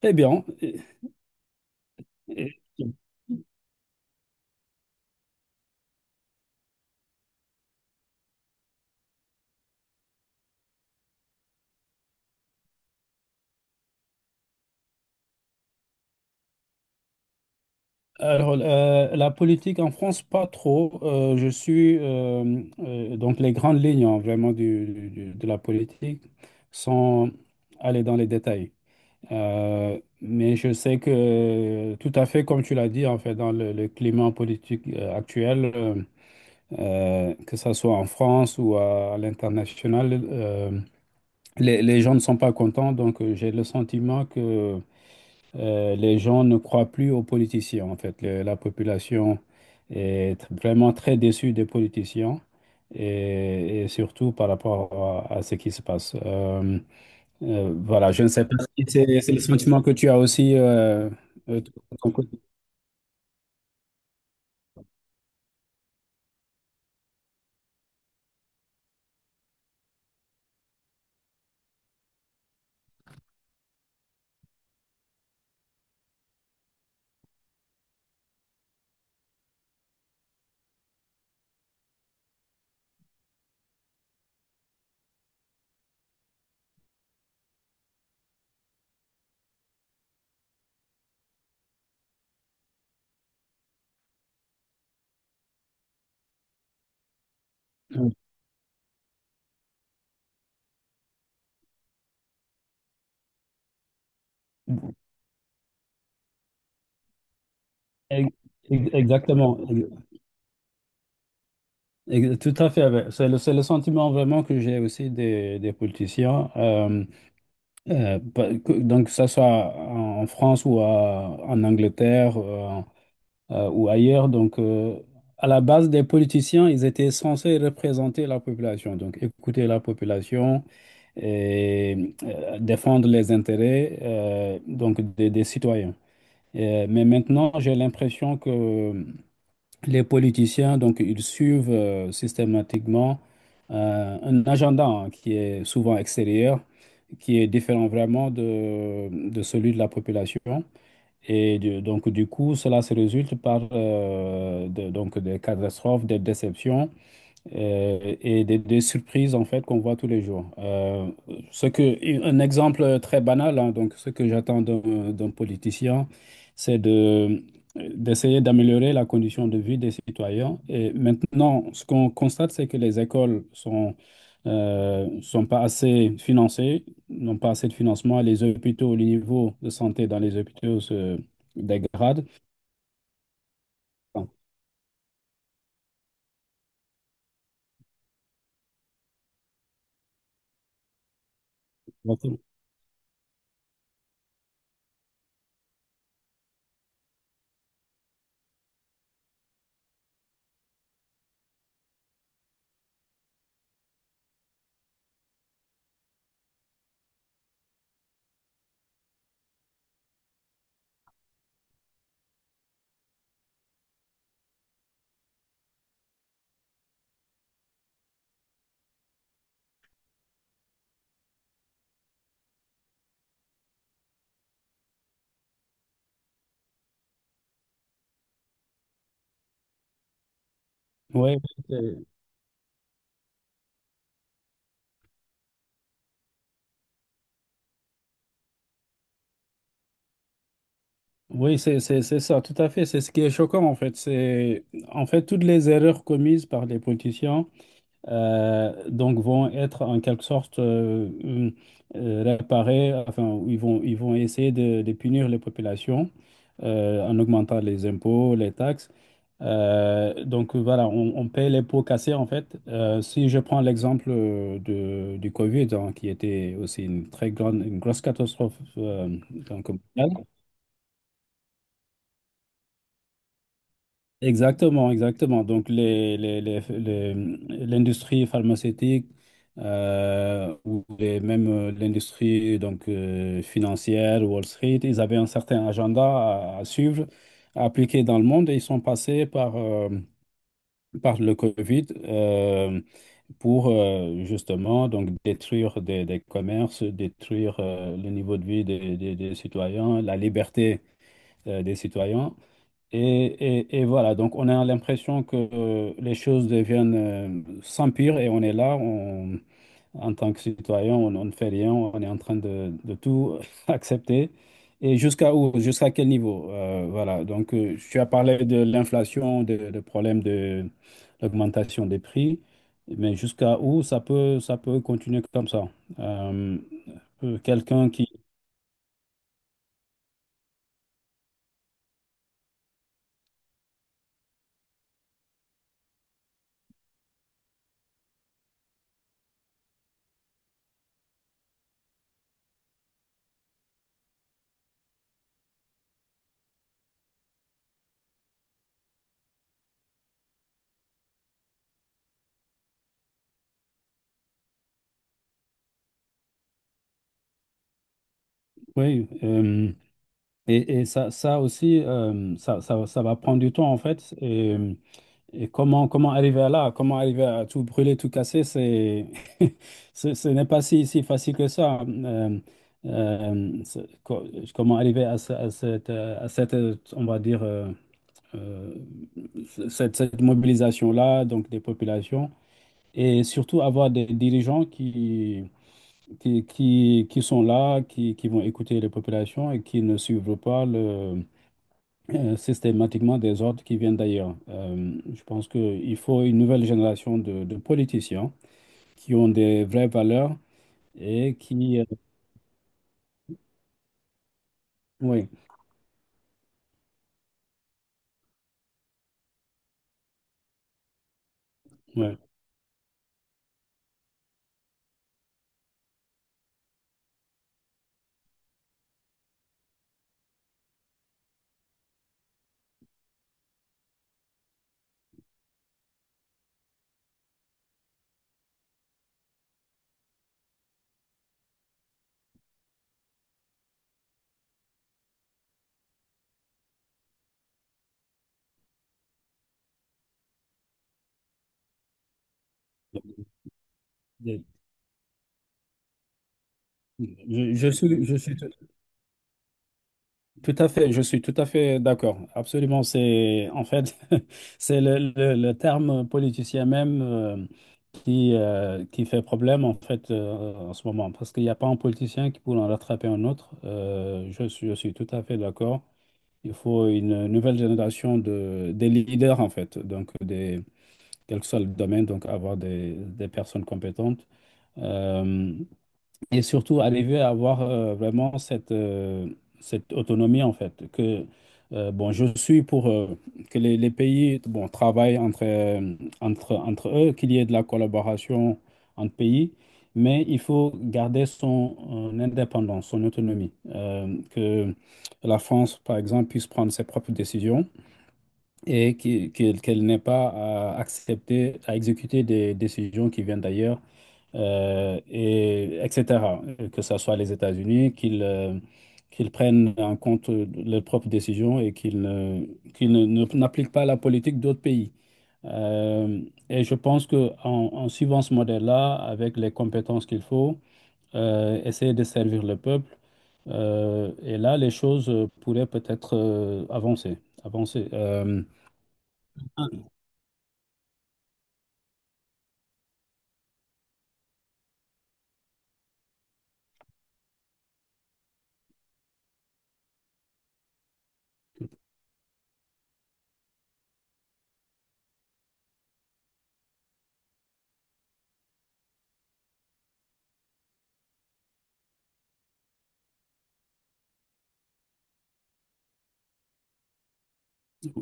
Très bien. Et- Alors, la politique en France, pas trop. Je suis donc les grandes lignes, hein, vraiment de la politique sans aller dans les détails. Mais je sais que, tout à fait, comme tu l'as dit, en fait, dans le climat politique, actuel, que ce soit en France ou à l'international, les gens ne sont pas contents. Donc, j'ai le sentiment que les gens ne croient plus aux politiciens, en fait. La population est vraiment très déçue des politiciens et surtout par rapport à ce qui se passe. Voilà, je ne sais pas si c'est le sentiment que tu as aussi, de ton côté. Ex- Exactement. Tout à fait, ouais. C'est le sentiment vraiment que j'ai aussi des politiciens, donc que ce soit en France ou en Angleterre, ou ailleurs. Donc, à la base, des politiciens, ils étaient censés représenter la population, donc écouter la population, et défendre les intérêts, donc des citoyens. Mais maintenant, j'ai l'impression que les politiciens, donc, ils suivent, systématiquement, un agenda, hein, qui est souvent extérieur, qui est différent vraiment de celui de la population. Donc, du coup, cela se résulte par, donc, des catastrophes, des déceptions, et des surprises, en fait, qu'on voit tous les jours. Un exemple très banal, hein, donc ce que j'attends d'un politicien, c'est d'essayer d'améliorer la condition de vie des citoyens. Et maintenant, ce qu'on constate, c'est que les écoles sont pas assez financées, n'ont pas assez de financement. Les hôpitaux, le niveau de santé dans les hôpitaux se dégrade. Oui, oui, c'est ça, tout à fait. C'est ce qui est choquant, en fait. C'est, en fait, toutes les erreurs commises par les politiciens donc vont être en quelque sorte, réparées, enfin, ils vont essayer de punir les populations, en augmentant les impôts, les taxes. Donc voilà, on paie les pots cassés, en fait. Si je prends l'exemple, du Covid, hein, qui était aussi une très grande, une grosse catastrophe, donc, mondiale. Exactement, exactement. Donc, l'industrie pharmaceutique, ou même, l'industrie, donc, financière, Wall Street, ils avaient un certain agenda à suivre, à appliquer dans le monde, et ils sont passés par le Covid, pour, justement, donc détruire des commerces, détruire, le niveau de vie des citoyens, la liberté, des citoyens. Et voilà, donc on a l'impression que, les choses deviennent, sans pire, et on est là, en tant que citoyen, on ne fait rien, on est en train de tout accepter. Et jusqu'à où, jusqu'à quel niveau? Voilà, donc, tu as parlé de l'inflation, de problème de l'augmentation des prix, mais jusqu'à où ça peut continuer comme ça? Euh, Quelqu'un qui... Oui. Et ça, ça aussi, ça va prendre du temps, en fait. Et comment arriver à là, comment arriver à tout brûler, tout casser, c'est, ce n'est pas si facile que ça. Euh, c'est- co- Comment arriver à cette, on va dire, euh, cette mobilisation-là, donc des populations, et surtout avoir des dirigeants qui sont là, qui vont écouter les populations, et qui ne suivent pas le systématiquement des ordres qui viennent d'ailleurs. Je pense qu'il faut une nouvelle génération de politiciens qui ont des vraies valeurs et qui... Oui, oui. Je, je suis, je suis tout, Tout à fait, je suis tout à fait d'accord. Absolument, c'est, en fait, c'est le terme politicien même, qui fait problème, en fait, en ce moment, parce qu'il n'y a pas un politicien qui pourrait en rattraper un autre. Je suis tout à fait d'accord. Il faut une nouvelle génération des leaders, en fait, donc des, quel que soit le domaine, donc avoir des personnes compétentes. Euh, et surtout arriver à avoir, vraiment cette, cette autonomie, en fait. Que, bon, je suis pour, que les pays, bon, travaillent entre, entre eux, qu'il y ait de la collaboration entre pays, mais il faut garder son, indépendance, son autonomie. Que la France, par exemple, puisse prendre ses propres décisions, et qu'elle n'ait pas à accepter, à exécuter, des décisions qui viennent d'ailleurs, et etc. Que ce soit les États-Unis, qu'ils prennent en compte leurs propres décisions, et qu'ils ne- ne- n'appliquent pas la politique d'autres pays. Euh, et je pense que, en suivant ce modèle-là, avec les compétences qu'il faut, essayer de servir le peuple, et là, les choses pourraient peut-être, avancer. Avancer.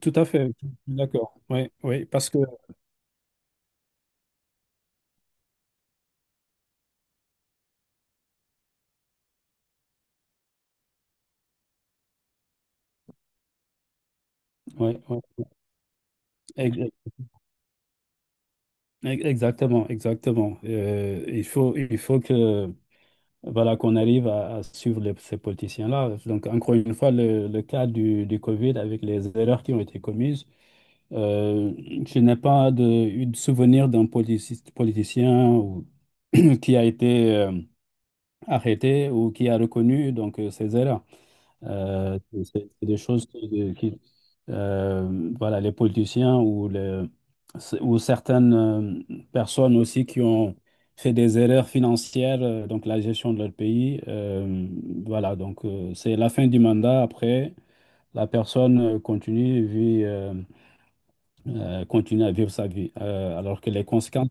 Tout à fait, d'accord. Oui, oui, parce que oui, oui. Exactement, exactement. Il faut que, voilà, qu'on arrive à suivre ces politiciens-là. Donc, encore une fois, le cas du Covid avec les erreurs qui ont été commises, euh, je n'ai pas eu de souvenir d'un politicien ou- qui a été, arrêté, ou qui a reconnu, donc, ses erreurs. Euh, c'est des choses voilà, les politiciens, ou les, ou certaines, personnes aussi qui ont fait des erreurs financières, donc la gestion de leur pays. Voilà, donc, c'est la fin du mandat. Après, la personne, continue, vit, continue à vivre sa vie. Alors que les conséquences...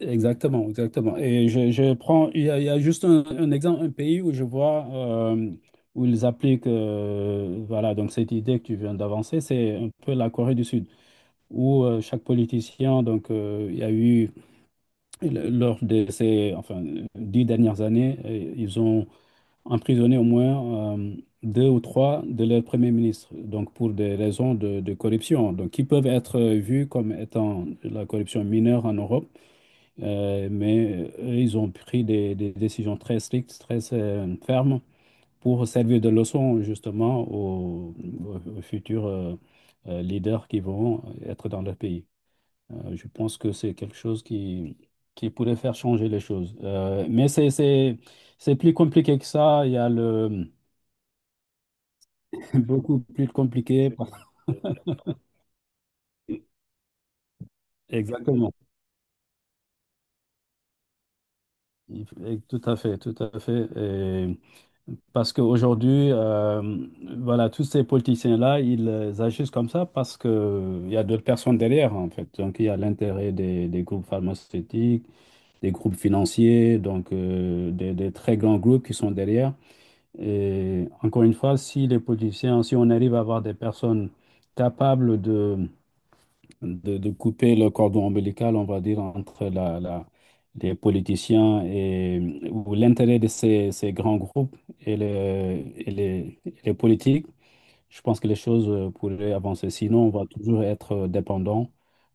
Exactement, exactement. Et je prends, il y a juste un exemple, un pays où je vois, où ils appliquent, voilà, donc cette idée que tu viens d'avancer, c'est un peu la Corée du Sud, où, chaque politicien, donc, il y a eu, lors de ces, enfin, 10 dernières années, ils ont emprisonné au moins, deux ou trois de leurs premiers ministres, donc pour des raisons de corruption, donc qui peuvent être, vues comme étant de la corruption mineure en Europe. Mais, eux, ils ont pris des décisions très strictes, très, fermes, pour servir de leçon justement aux futurs, leaders qui vont être dans leur pays. Je pense que c'est quelque chose qui pourrait faire changer les choses. Mais c'est plus compliqué que ça. Il y a le beaucoup plus compliqué. Exactement. Il et Tout à fait, tout à fait. Et parce qu'aujourd'hui, voilà, tous ces politiciens-là, ils, agissent comme ça parce qu'il y a d'autres personnes derrière, en fait. Donc, il y a l'intérêt des groupes pharmaceutiques, des groupes financiers, donc, des très grands groupes qui sont derrière. Et encore une fois, si les politiciens, si on arrive à avoir des personnes capables de couper le cordon ombilical, on va dire, entre les politiciens et, ou l'intérêt de ces grands groupes, et les politiques, je pense que les choses, pourraient avancer. Sinon, on va toujours être dépendant,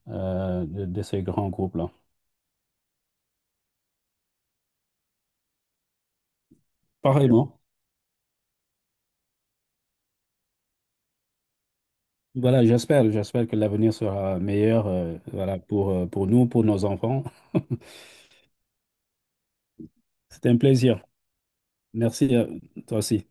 de ces grands groupes-là. Pareillement. Voilà, j'espère que l'avenir sera meilleur, voilà, pour nous, pour nos enfants. C'était un plaisir. Merci à toi aussi.